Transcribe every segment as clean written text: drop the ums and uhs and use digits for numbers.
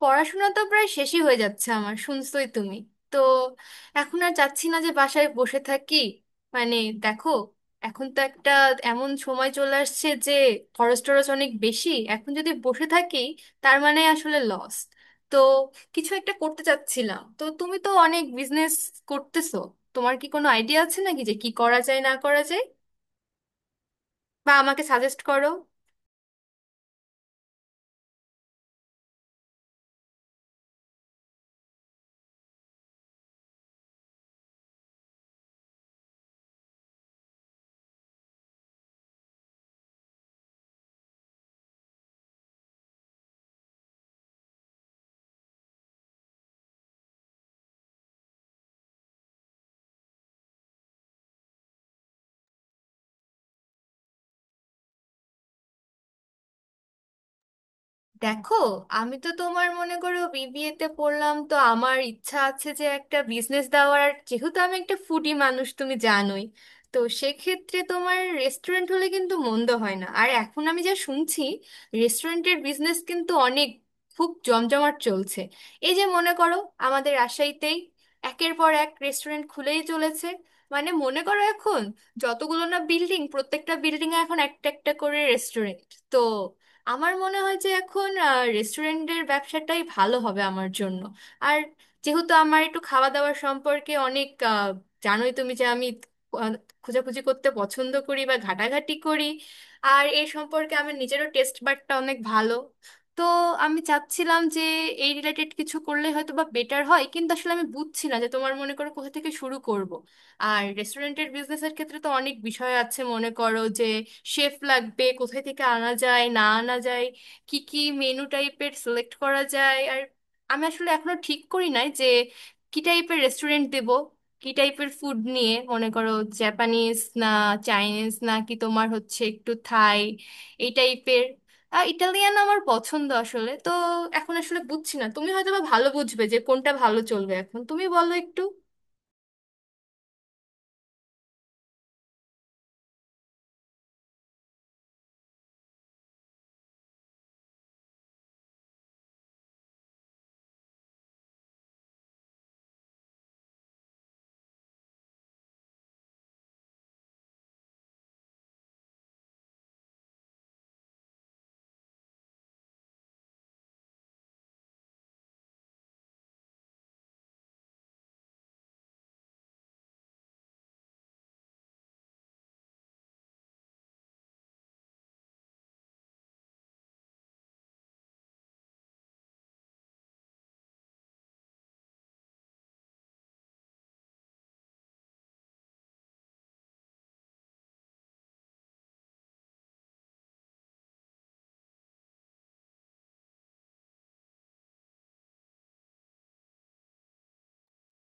পড়াশোনা তো প্রায় শেষই হয়ে যাচ্ছে আমার, শুনছোই তুমি তো। এখন আর চাচ্ছি না যে বাসায় বসে থাকি। মানে দেখো, এখন তো একটা এমন সময় চলে আসছে যে খরচ টরচ অনেক বেশি, এখন যদি বসে থাকি তার মানে আসলে লস। তো কিছু একটা করতে চাচ্ছিলাম, তো তুমি তো অনেক বিজনেস করতেছো, তোমার কি কোনো আইডিয়া আছে নাকি যে কি করা যায় না করা যায়, বা আমাকে সাজেস্ট করো। দেখো, আমি তো তোমার মনে করো বিবিএ তে পড়লাম, তো আমার ইচ্ছা আছে যে একটা বিজনেস দেওয়ার, আর যেহেতু আমি একটা ফুডি মানুষ তুমি জানোই, তো সেক্ষেত্রে তোমার রেস্টুরেন্ট হলে কিন্তু মন্দ হয় না। আর এখন আমি যা শুনছি, রেস্টুরেন্টের বিজনেস কিন্তু অনেক খুব জমজমাট চলছে। এই যে মনে করো আমাদের রাজশাহীতেই একের পর এক রেস্টুরেন্ট খুলেই চলেছে। মানে মনে করো এখন যতগুলো না বিল্ডিং, প্রত্যেকটা বিল্ডিংয়ে এখন একটা একটা করে রেস্টুরেন্ট। তো আমার মনে হয় যে এখন রেস্টুরেন্টের ব্যবসাটাই ভালো হবে আমার জন্য। আর যেহেতু আমার একটু খাওয়া দাওয়ার সম্পর্কে অনেক জানোই তুমি যে আমি আহ, খোঁজাখুঁজি করতে পছন্দ করি বা ঘাটাঘাটি করি, আর এই সম্পর্কে আমার নিজেরও টেস্ট বাডটা অনেক ভালো। তো আমি চাচ্ছিলাম যে এই রিলেটেড কিছু করলে হয়তো বা বেটার হয়, কিন্তু আসলে আমি বুঝছি না যে তোমার মনে করো কোথা থেকে শুরু করব। আর রেস্টুরেন্টের বিজনেসের ক্ষেত্রে তো অনেক বিষয় আছে, মনে করো যে শেফ লাগবে, কোথায় থেকে আনা যায় না আনা যায়, কি কি মেনু টাইপের সিলেক্ট করা যায়। আর আমি আসলে এখনো ঠিক করি নাই যে কি টাইপের রেস্টুরেন্ট দেব, কি টাইপের ফুড নিয়ে মনে করো জাপানিজ না চাইনিজ না কি তোমার হচ্ছে একটু থাই এই টাইপের। ইটালিয়ান আমার পছন্দ আসলে, তো এখন আসলে বুঝছি না, তুমি হয়তো বা ভালো বুঝবে যে কোনটা ভালো চলবে, এখন তুমি বলো একটু।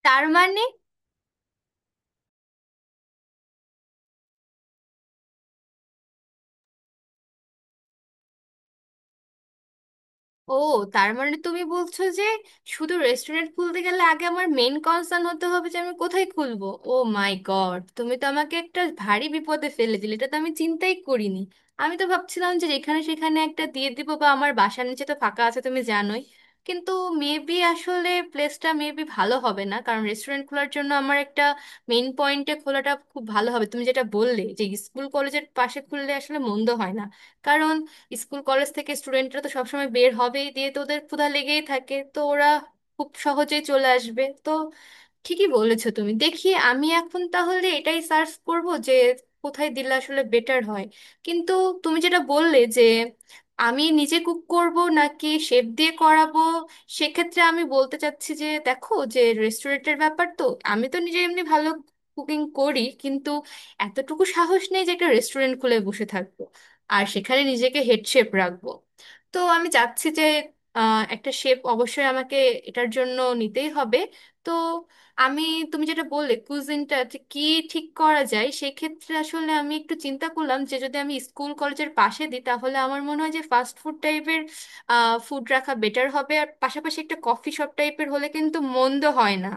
তার মানে ও, তার মানে তুমি বলছো যে শুধু রেস্টুরেন্ট খুলতে গেলে আগে আমার মেন কনসার্ন হতে হবে যে আমি কোথায় খুলবো। ও মাই গড, তুমি তো আমাকে একটা ভারী বিপদে ফেলে দিলে, এটা তো আমি চিন্তাই করিনি। আমি তো ভাবছিলাম যে যেখানে সেখানে একটা দিয়ে দিব, বা আমার বাসার নিচে তো ফাঁকা আছে তুমি জানোই, কিন্তু মেবি আসলে প্লেসটা মেবি ভালো হবে না। কারণ রেস্টুরেন্ট খোলার জন্য আমার একটা মেইন পয়েন্টে খোলাটা খুব ভালো হবে। তুমি যেটা বললে যে স্কুল কলেজের পাশে খুললে আসলে মন্দ হয় না, কারণ স্কুল কলেজ থেকে স্টুডেন্টরা তো সবসময় বের হবেই, দিয়ে তো ওদের ক্ষুধা লেগেই থাকে, তো ওরা খুব সহজেই চলে আসবে। তো ঠিকই বলেছো তুমি, দেখি আমি এখন তাহলে এটাই সার্চ করব যে কোথায় দিলে আসলে বেটার হয়। কিন্তু তুমি যেটা বললে যে আমি নিজে কুক করব নাকি শেফ দিয়ে করাবো, সেক্ষেত্রে আমি বলতে চাচ্ছি যে দেখো, যে রেস্টুরেন্টের ব্যাপার তো, আমি তো নিজে এমনি ভালো কুকিং করি, কিন্তু এতটুকু সাহস নেই যে একটা রেস্টুরেন্ট খুলে বসে থাকবো আর সেখানে নিজেকে হেড শেফ রাখবো। তো আমি চাচ্ছি যে একটা শেফ অবশ্যই আমাকে এটার জন্য নিতেই হবে। তো আমি তুমি যেটা বললে কুজিনটা যে কি ঠিক করা যায়, সেক্ষেত্রে আসলে আমি একটু চিন্তা করলাম যে যদি আমি স্কুল কলেজের পাশে দিই তাহলে আমার মনে হয় যে ফাস্ট ফুড টাইপের ফুড রাখা বেটার হবে, আর পাশাপাশি একটা কফি শপ টাইপের হলে কিন্তু মন্দ হয় না।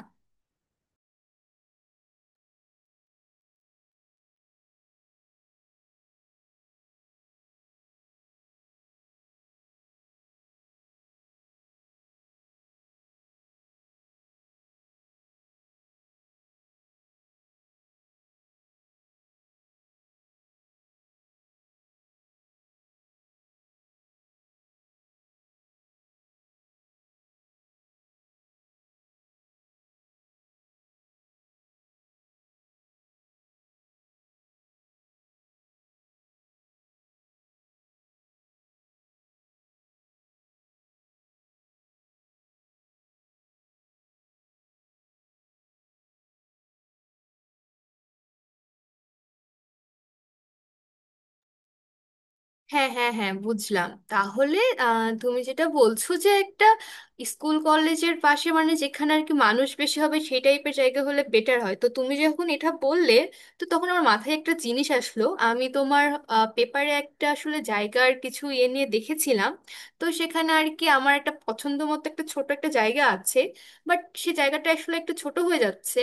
হ্যাঁ, হ্যাঁ, হ্যাঁ, বুঝলাম তাহলে। তুমি যেটা বলছো যে একটা স্কুল কলেজের পাশে, মানে যেখানে আর কি মানুষ বেশি হবে সেই টাইপের জায়গা হলে বেটার হয়, তো তুমি যখন এটা বললে তো তখন আমার মাথায় একটা জিনিস আসলো। আমি তোমার পেপারে একটা আসলে জায়গার কিছু ইয়ে নিয়ে দেখেছিলাম, তো সেখানে আর কি আমার একটা পছন্দ মতো একটা ছোট একটা জায়গা আছে, বাট সে জায়গাটা আসলে একটু ছোট হয়ে যাচ্ছে।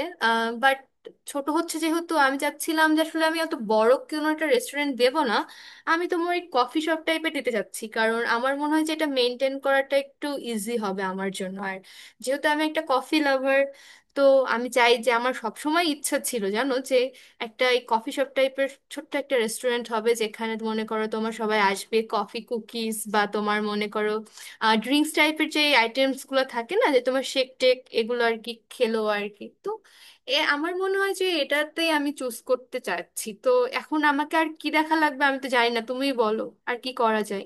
বাট ছোট হচ্ছে, যেহেতু আমি চাচ্ছিলাম যে আসলে আমি অত বড় কোনো একটা রেস্টুরেন্ট দেবো না, আমি তোমার ওই কফি শপ টাইপের দিতে চাচ্ছি, কারণ আমার মনে হয় যে এটা মেনটেন করাটা একটু ইজি হবে আমার জন্য। আর যেহেতু আমি একটা কফি লাভার, তো আমি চাই যে, আমার সবসময় ইচ্ছা ছিল জানো যে একটা এই কফি শপ টাইপের ছোট্ট একটা রেস্টুরেন্ট হবে যেখানে মনে করো তোমার সবাই আসবে, কফি কুকিজ বা তোমার মনে করো ড্রিঙ্কস টাইপের যে আইটেমসগুলো থাকে না, যে তোমার শেক টেক এগুলো আর কি খেলো আর কি। তো এ আমার মনে হয় যে এটাতেই আমি চুজ করতে চাচ্ছি। তো এখন আমাকে আর কি দেখা লাগবে আমি তো জানি না, তুমিই বলো আর কি করা যায়।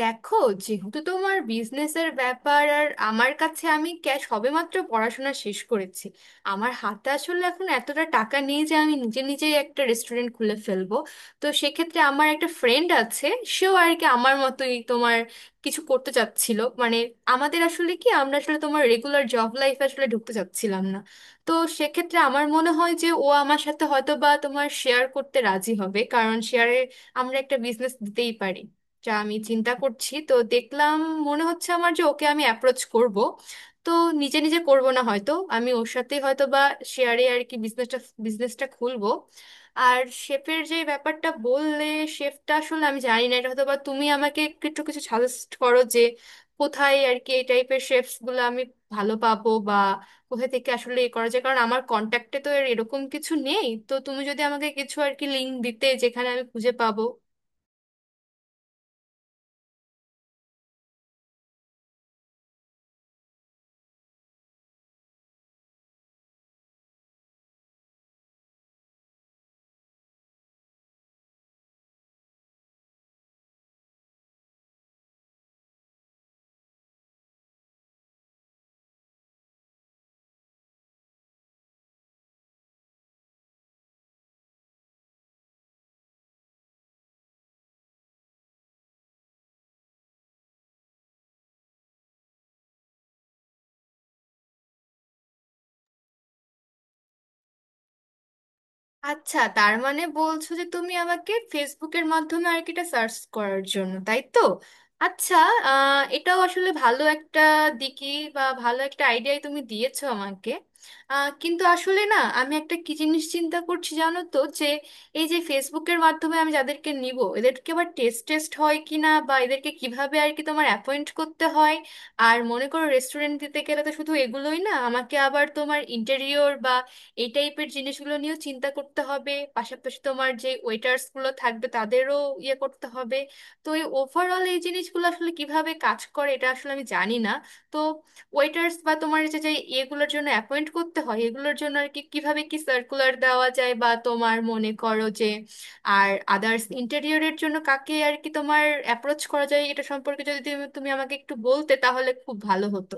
দেখো, যেহেতু তোমার বিজনেসের ব্যাপার আর আমার কাছে আমি ক্যাশ, সবেমাত্র পড়াশোনা শেষ করেছি, আমার হাতে আসলে এখন এতটা টাকা নেই যে আমি নিজে নিজেই একটা রেস্টুরেন্ট খুলে ফেলবো। তো সেক্ষেত্রে আমার একটা ফ্রেন্ড আছে, সেও আর কি আমার মতোই তোমার কিছু করতে চাচ্ছিল। মানে আমাদের আসলে কি, আমরা আসলে তোমার রেগুলার জব লাইফ আসলে ঢুকতে চাচ্ছিলাম না। তো সেক্ষেত্রে আমার মনে হয় যে ও আমার সাথে হয়তো বা তোমার শেয়ার করতে রাজি হবে, কারণ শেয়ারে আমরা একটা বিজনেস দিতেই পারি, যা আমি চিন্তা করছি। তো দেখলাম, মনে হচ্ছে আমার যে ওকে আমি অ্যাপ্রোচ করব, তো নিজে নিজে করব না, হয়তো আমি ওর সাথে হয়তো বা শেয়ারে আর কি বিজনেসটা বিজনেসটা খুলবো। আর শেফের যে ব্যাপারটা বললে, শেফটা আসলে আমি জানি না, এটা হয়তো বা তুমি আমাকে একটু কিছু সাজেস্ট করো যে কোথায় আর কি এই টাইপের শেফস গুলো আমি ভালো পাবো, বা কোথা থেকে আসলে এ করা যায়, কারণ আমার কন্ট্যাক্টে তো এরকম কিছু নেই। তো তুমি যদি আমাকে কিছু আর কি লিঙ্ক দিতে যেখানে আমি খুঁজে পাবো। আচ্ছা, তার মানে বলছো যে তুমি আমাকে ফেসবুকের মাধ্যমে আর কি এটা সার্চ করার জন্য, তাই তো? আচ্ছা, এটাও আসলে ভালো একটা দিকই, বা ভালো একটা আইডিয়াই তুমি দিয়েছো আমাকে। কিন্তু আসলে না, আমি একটা কি জিনিস চিন্তা করছি জানো তো যে এই যে ফেসবুকের মাধ্যমে আমি যাদেরকে নিব, এদেরকে আবার টেস্ট টেস্ট হয় কি না, বা এদেরকে কিভাবে আর কি তোমার অ্যাপয়েন্ট করতে হয়। আর মনে করো রেস্টুরেন্ট দিতে গেলে তো শুধু এগুলোই না, আমাকে আবার তোমার ইন্টেরিয়র এই টাইপের জিনিসগুলো নিয়েও চিন্তা করতে হবে, পাশাপাশি তোমার যে ওয়েটার্স গুলো থাকবে তাদেরও ইয়ে করতে হবে। তো এই ওভারঅল এই জিনিসগুলো আসলে কিভাবে কাজ করে এটা আসলে আমি জানি না। তো ওয়েটার্স বা তোমার যে যে এগুলোর জন্য অ্যাপয়েন্ট করতে হয় এগুলোর জন্য আর কি কিভাবে কি সার্কুলার দেওয়া যায়, বা তোমার মনে করো যে আর আদার্স ইন্টেরিয়রের জন্য কাকে আর কি তোমার অ্যাপ্রোচ করা যায়, এটা সম্পর্কে যদি তুমি তুমি আমাকে একটু বলতে তাহলে খুব ভালো হতো।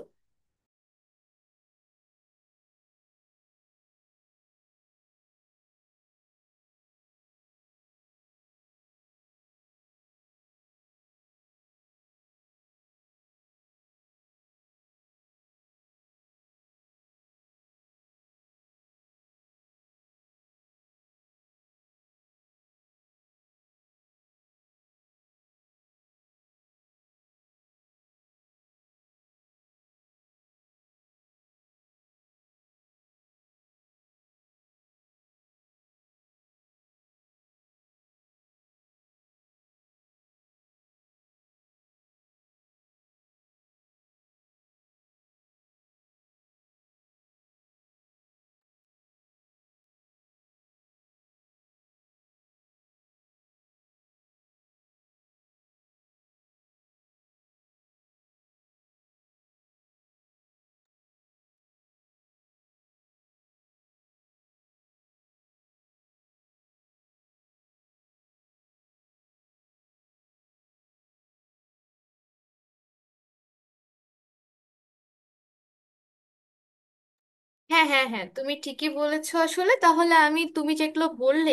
হ্যাঁ, হ্যাঁ, হ্যাঁ, তুমি ঠিকই বলেছো আসলে। তাহলে আমি তুমি যেগুলো বললে,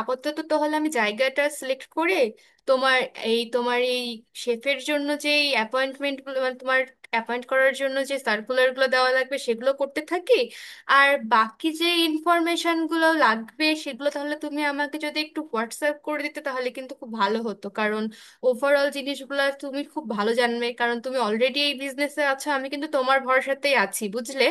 আপাতত তাহলে আমি জায়গাটা সিলেক্ট করে, তোমার তোমার এই শেফের জন্য যে অ্যাপয়েন্টমেন্ট গুলো, মানে তোমার অ্যাপয়েন্ট করার জন্য যে সার্কুলারগুলো দেওয়া লাগবে সেগুলো করতে থাকি। আর বাকি যে ইনফরমেশনগুলো লাগবে সেগুলো তাহলে তুমি আমাকে যদি একটু হোয়াটসঅ্যাপ করে দিতে তাহলে কিন্তু খুব ভালো হতো, কারণ ওভারঅল জিনিসগুলো তুমি খুব ভালো জানবে, কারণ তুমি অলরেডি এই বিজনেসে আছো। আমি কিন্তু তোমার ভরসাতেই আছি, বুঝলে।